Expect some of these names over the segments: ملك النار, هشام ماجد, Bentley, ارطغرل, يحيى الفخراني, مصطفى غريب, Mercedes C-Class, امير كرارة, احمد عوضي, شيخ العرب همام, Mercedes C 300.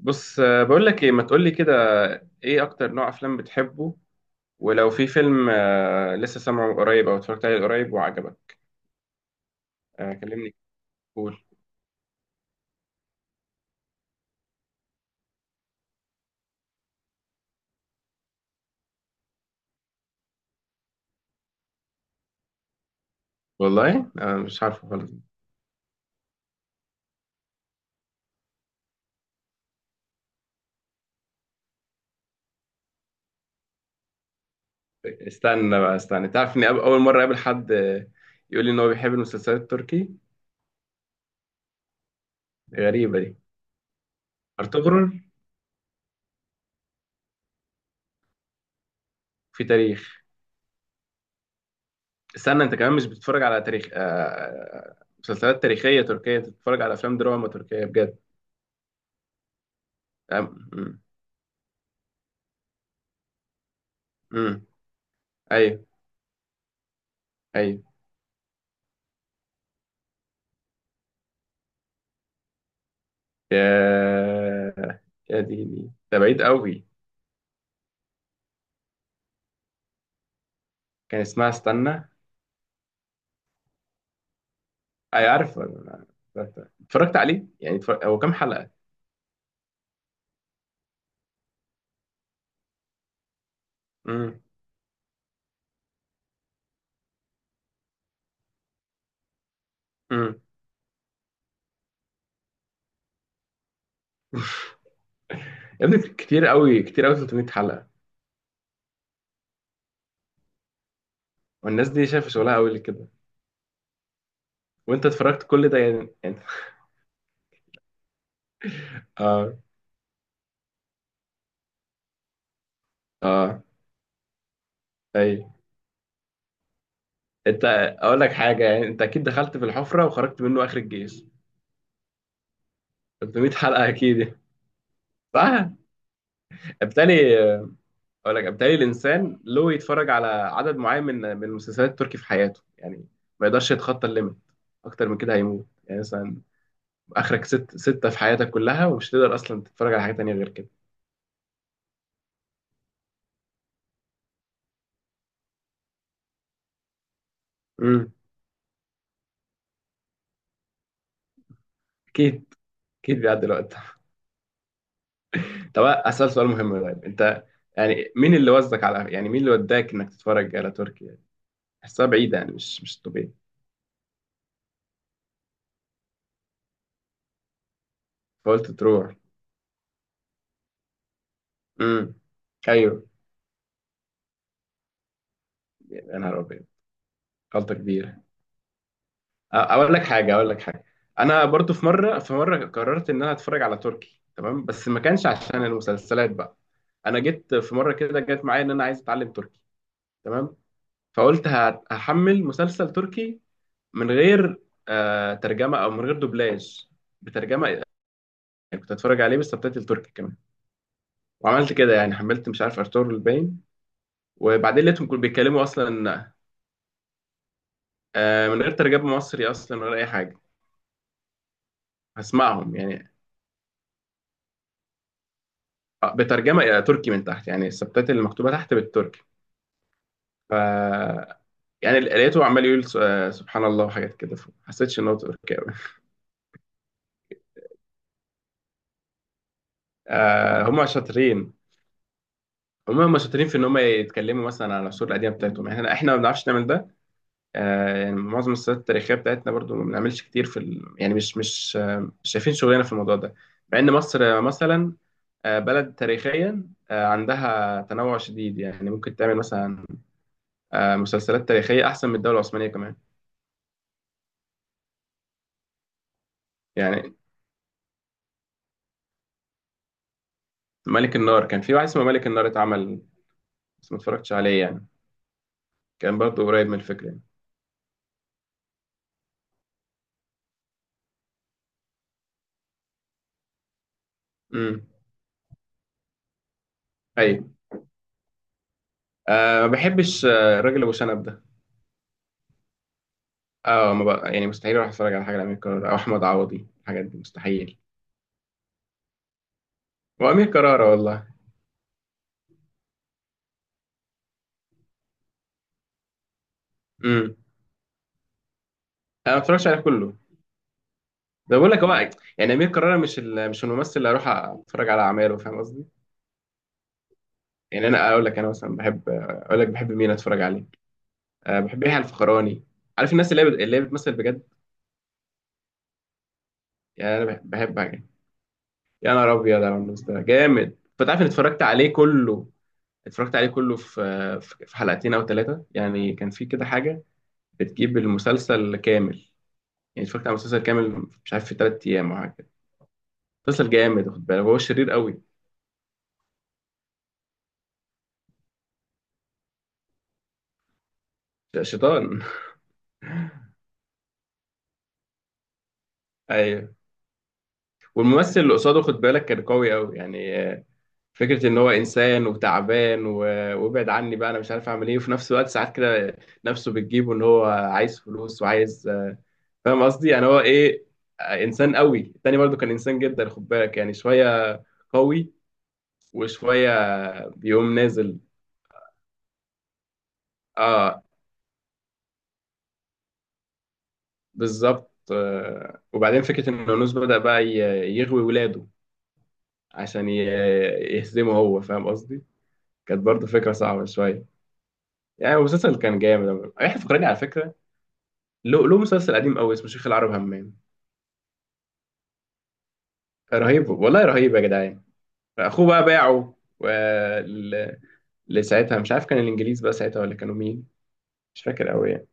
بص، بقول لك ايه ما تقول لي كده. ايه اكتر نوع افلام بتحبه؟ ولو في فيلم لسه سامعه قريب او اتفرجت عليه قريب وعجبك؟ كلمني. قول. والله، مش عارفه خالص. استنى بقى استنى، تعرف اني اول مره اقابل حد يقول لي ان هو بيحب المسلسلات التركي؟ غريبه دي. ارطغرل. في تاريخ. استنى، انت كمان مش بتتفرج على تاريخ، مسلسلات تاريخيه تركيه؟ أنت بتتفرج على افلام دراما تركيه بجد؟ امم. ايوه ايوه. يا يا ديني، ده بعيد قوي. كان اسمها استنى. اي، عارفه. اتفرجت عليه يعني، هو كام حلقة؟ امم. امم. يا ابني، كتير قوي كتير قوي، 300 حلقة. والناس دي شايفة شغلها قوي كده. وانت اتفرجت كل ده، يعني. اه. اه. اي، انت، اقول لك حاجة، يعني انت اكيد دخلت في الحفرة وخرجت منه اخر الجيش، 300 حلقة اكيد يعني. صح. بالتالي، اقول لك بالتالي الانسان له يتفرج على عدد معين من المسلسلات التركي في حياته يعني. ما يقدرش يتخطى الليميت. اكتر من كده هيموت، يعني مثلا اخرك ست، ستة في حياتك كلها، ومش تقدر اصلا تتفرج على حاجة تانية غير كده. امم. اكيد، اكيد بيعدي الوقت. طب، اسال سؤال مهم. طيب انت، يعني مين اللي وزك على، يعني مين اللي وداك انك تتفرج على تركي يعني؟ حسها بعيدة، يعني مش طبيعي. فقلت تروح. امم. ايوه. يا نهار ابيض. غلطة كبيرة. اقول لك حاجه. انا برضو في مره قررت ان انا اتفرج على تركي، تمام، بس ما كانش عشان المسلسلات بقى. انا جيت في مره كده جت معايا ان انا عايز اتعلم تركي. تمام. فقلت هحمل مسلسل تركي من غير ترجمه او من غير دوبلاج، بترجمه يعني. كنت اتفرج عليه بالسبتايتل تركي كمان. وعملت كده يعني، حملت مش عارف ارطغرل الباين، وبعدين لقيتهم كانوا بيتكلموا اصلا من غير ترجمه مصري اصلا ولا اي حاجه. هسمعهم يعني بترجمه الى تركي من تحت، يعني السبتات المكتوبه تحت بالتركي. ف، يعني لقيته عمال يقول سبحان الله وحاجات كده، فما حسيتش ان هو تركي قوي. هم شاطرين. هم شاطرين في ان هم يتكلموا مثلا على العصور القديمه بتاعتهم، يعني احنا ما بنعرفش نعمل ده. يعني معظم السيرات التاريخيه بتاعتنا برضو ما بنعملش كتير يعني مش مش شايفين شغلنا في الموضوع ده. مع ان مصر مثلا بلد تاريخيا، عندها تنوع شديد، يعني ممكن تعمل مثلا مسلسلات تاريخيه احسن من الدوله العثمانيه كمان يعني. ملك النار، كان في واحد اسمه ملك النار اتعمل، بس ما اتفرجتش عليه يعني. كان برضه قريب من الفكرة يعني. امم. ايوه. ما بحبش الراجل ابو شنب ده. اه، ما بقى يعني مستحيل اروح اتفرج على حاجة لأمير كرارة او احمد عوضي، الحاجات دي مستحيل. وامير كرارة والله. امم. انا ما اتفرجش عليه كله. ده بقول لك هو، يعني امير كرارة مش الممثل اللي اروح اتفرج على اعماله، فاهم قصدي؟ يعني انا اقول لك، انا مثلا بحب، اقول لك بحب مين اتفرج عليه. بحب يحيى الفخراني. عارف الناس اللي هي بتمثل بجد. يعني انا بحب، يا نهار ابيض على النص ده جامد، فانت عارف إني اتفرجت عليه كله. اتفرجت عليه كله في حلقتين او ثلاثه يعني، كان في كده حاجه بتجيب المسلسل كامل. يعني اتفرجت على المسلسل كامل، مش عارف في 3 ايام او حاجه كده. مسلسل جامد، خد بالك هو شرير قوي. شيطان. ايوه. والممثل اللي قصاده خد بالك كان قوي قوي يعني، فكره ان هو انسان وتعبان وابعد عني بقى انا مش عارف اعمل ايه، وفي نفس الوقت ساعات كده نفسه بتجيبه ان هو عايز فلوس وعايز. فاهم قصدي؟ يعني هو ايه؟ انسان قوي. التاني برضو كان انسان جدا خد بالك، يعني شويه قوي وشويه بيقوم نازل. اه، بالظبط. وبعدين فكره ان يونس بدأ بقى يغوي ولاده عشان يهزمه هو، فاهم قصدي؟ كانت برضو فكره صعبه شويه. يعني المسلسل كان جامد. احنا، فكرني على فكره، له مسلسل قديم قوي اسمه شيخ العرب همام. رهيب والله، رهيب يا جدعان. اخوه بقى باعه و... ل- لساعتها مش عارف كان الانجليز بقى ساعتها ولا كانوا مين. مش فاكر قوي يعني.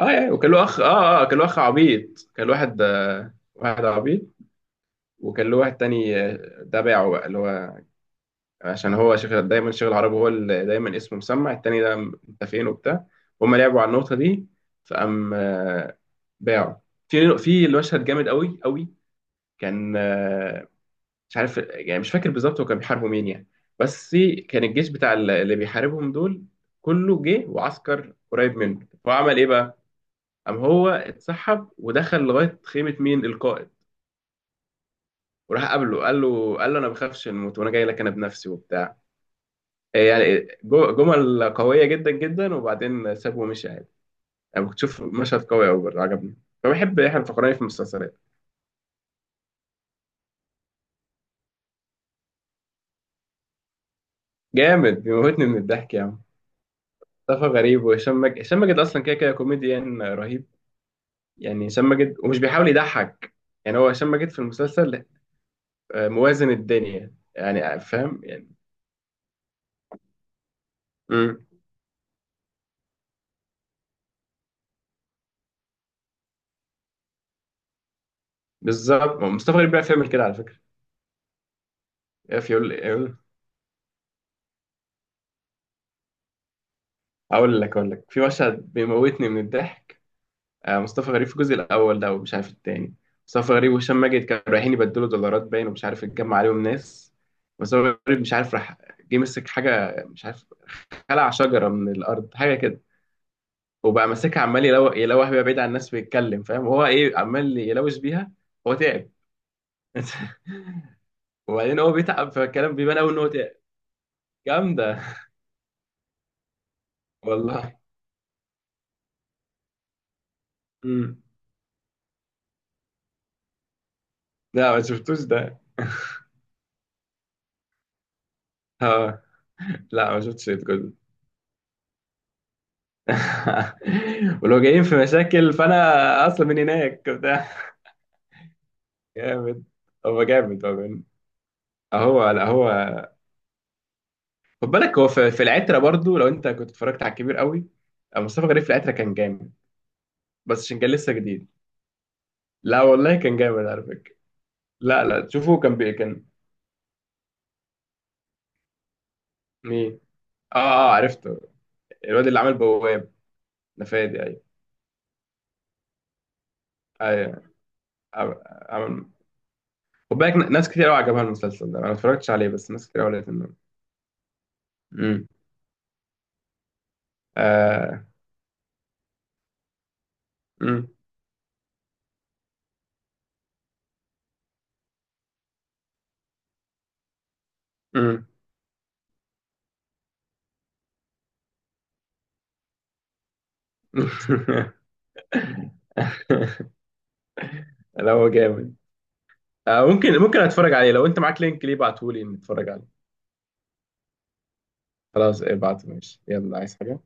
اه، يعني وكان له اخ، كان له اخ عبيط، كان له واحد واحد عبيط. وكان له واحد تاني ده باعه بقى، اللي هو عشان هو شغل دايما شغل عربي، هو اللي دايما اسمه مسمع التاني ده، انت فين وبتاع. هما لعبوا على النقطة دي، فقام باعه. في المشهد جامد قوي قوي. كان مش عارف يعني، مش فاكر بالظبط هو كان بيحاربوا مين يعني، بس كان الجيش بتاع اللي بيحاربهم دول كله جه وعسكر قريب منه، فهو عمل ايه بقى؟ قام هو اتسحب ودخل لغايه خيمه مين، القائد. وراح قابله، قال له: انا ما بخافش من الموت وانا جاي لك انا بنفسي وبتاع. إيه يعني، جمل قويه جدا جدا، وبعدين سابه ومشي عادي. انا كنت شوف مشهد قوي قوي برضه، عجبني. فبحب يحيى الفخراني في المسلسلات. جامد، بيموتني من الضحك يا عم. مصطفى غريب وهشام ماجد. هشام ماجد اصلا كده كده كوميديان رهيب، يعني هشام ماجد ومش بيحاول يضحك. يعني هو هشام ماجد في المسلسل موازن الدنيا يعني، فاهم يعني؟ امم. بالظبط، مصطفى غريب بيعرف يعمل كده على فكره. يا فيول يقول. اقول لك، في مشهد بيموتني من الضحك، مصطفى غريب في الجزء الاول ده ومش عارف التاني. مصطفى غريب وهشام ماجد كانوا رايحين يبدلوا دولارات باين، ومش عارف اتجمع عليهم ناس. مصطفى غريب مش عارف راح، جه مسك حاجه مش عارف، خلع شجره من الارض حاجه كده، وبقى ماسكها عمال يلوح بيها بعيد عن الناس ويتكلم، فاهم هو ايه، عمال يلوش بيها. هو تعب. وبعدين هو بيتعب فالكلام بيبان قوي ان هو تعب. جامده والله. مم. لا، ما شفتوش ده. لا، ما شفتش الجزء. ولو جايين في مشاكل فانا اصلا من هناك بتاع جامد. هو جامد، هو جامد. هو، لا، هو، خد بالك هو في العترة برضو، لو انت كنت اتفرجت على الكبير قوي، مصطفى غريب في العترة كان جامد. بس عشان كان لسه جديد. لا والله، كان جامد على فكرة. لا، لا، تشوفه كان. مين؟ اه، اه، عرفته. الواد اللي عمل بواب، نفادي. ايوه. ايوه. عم- عمل. خد بالك ناس كتير قوي عجبها المسلسل ده، انا ما اتفرجتش عليه، بس ناس كتير قوي قالت انه. امم. مم. مم. لا، هو جامد. ممكن اتفرج عليه، لو انت معاك لينك ليه ابعتهولي نتفرج عليه. خلاص، ابعته ماشي. يلا، عايز حاجة؟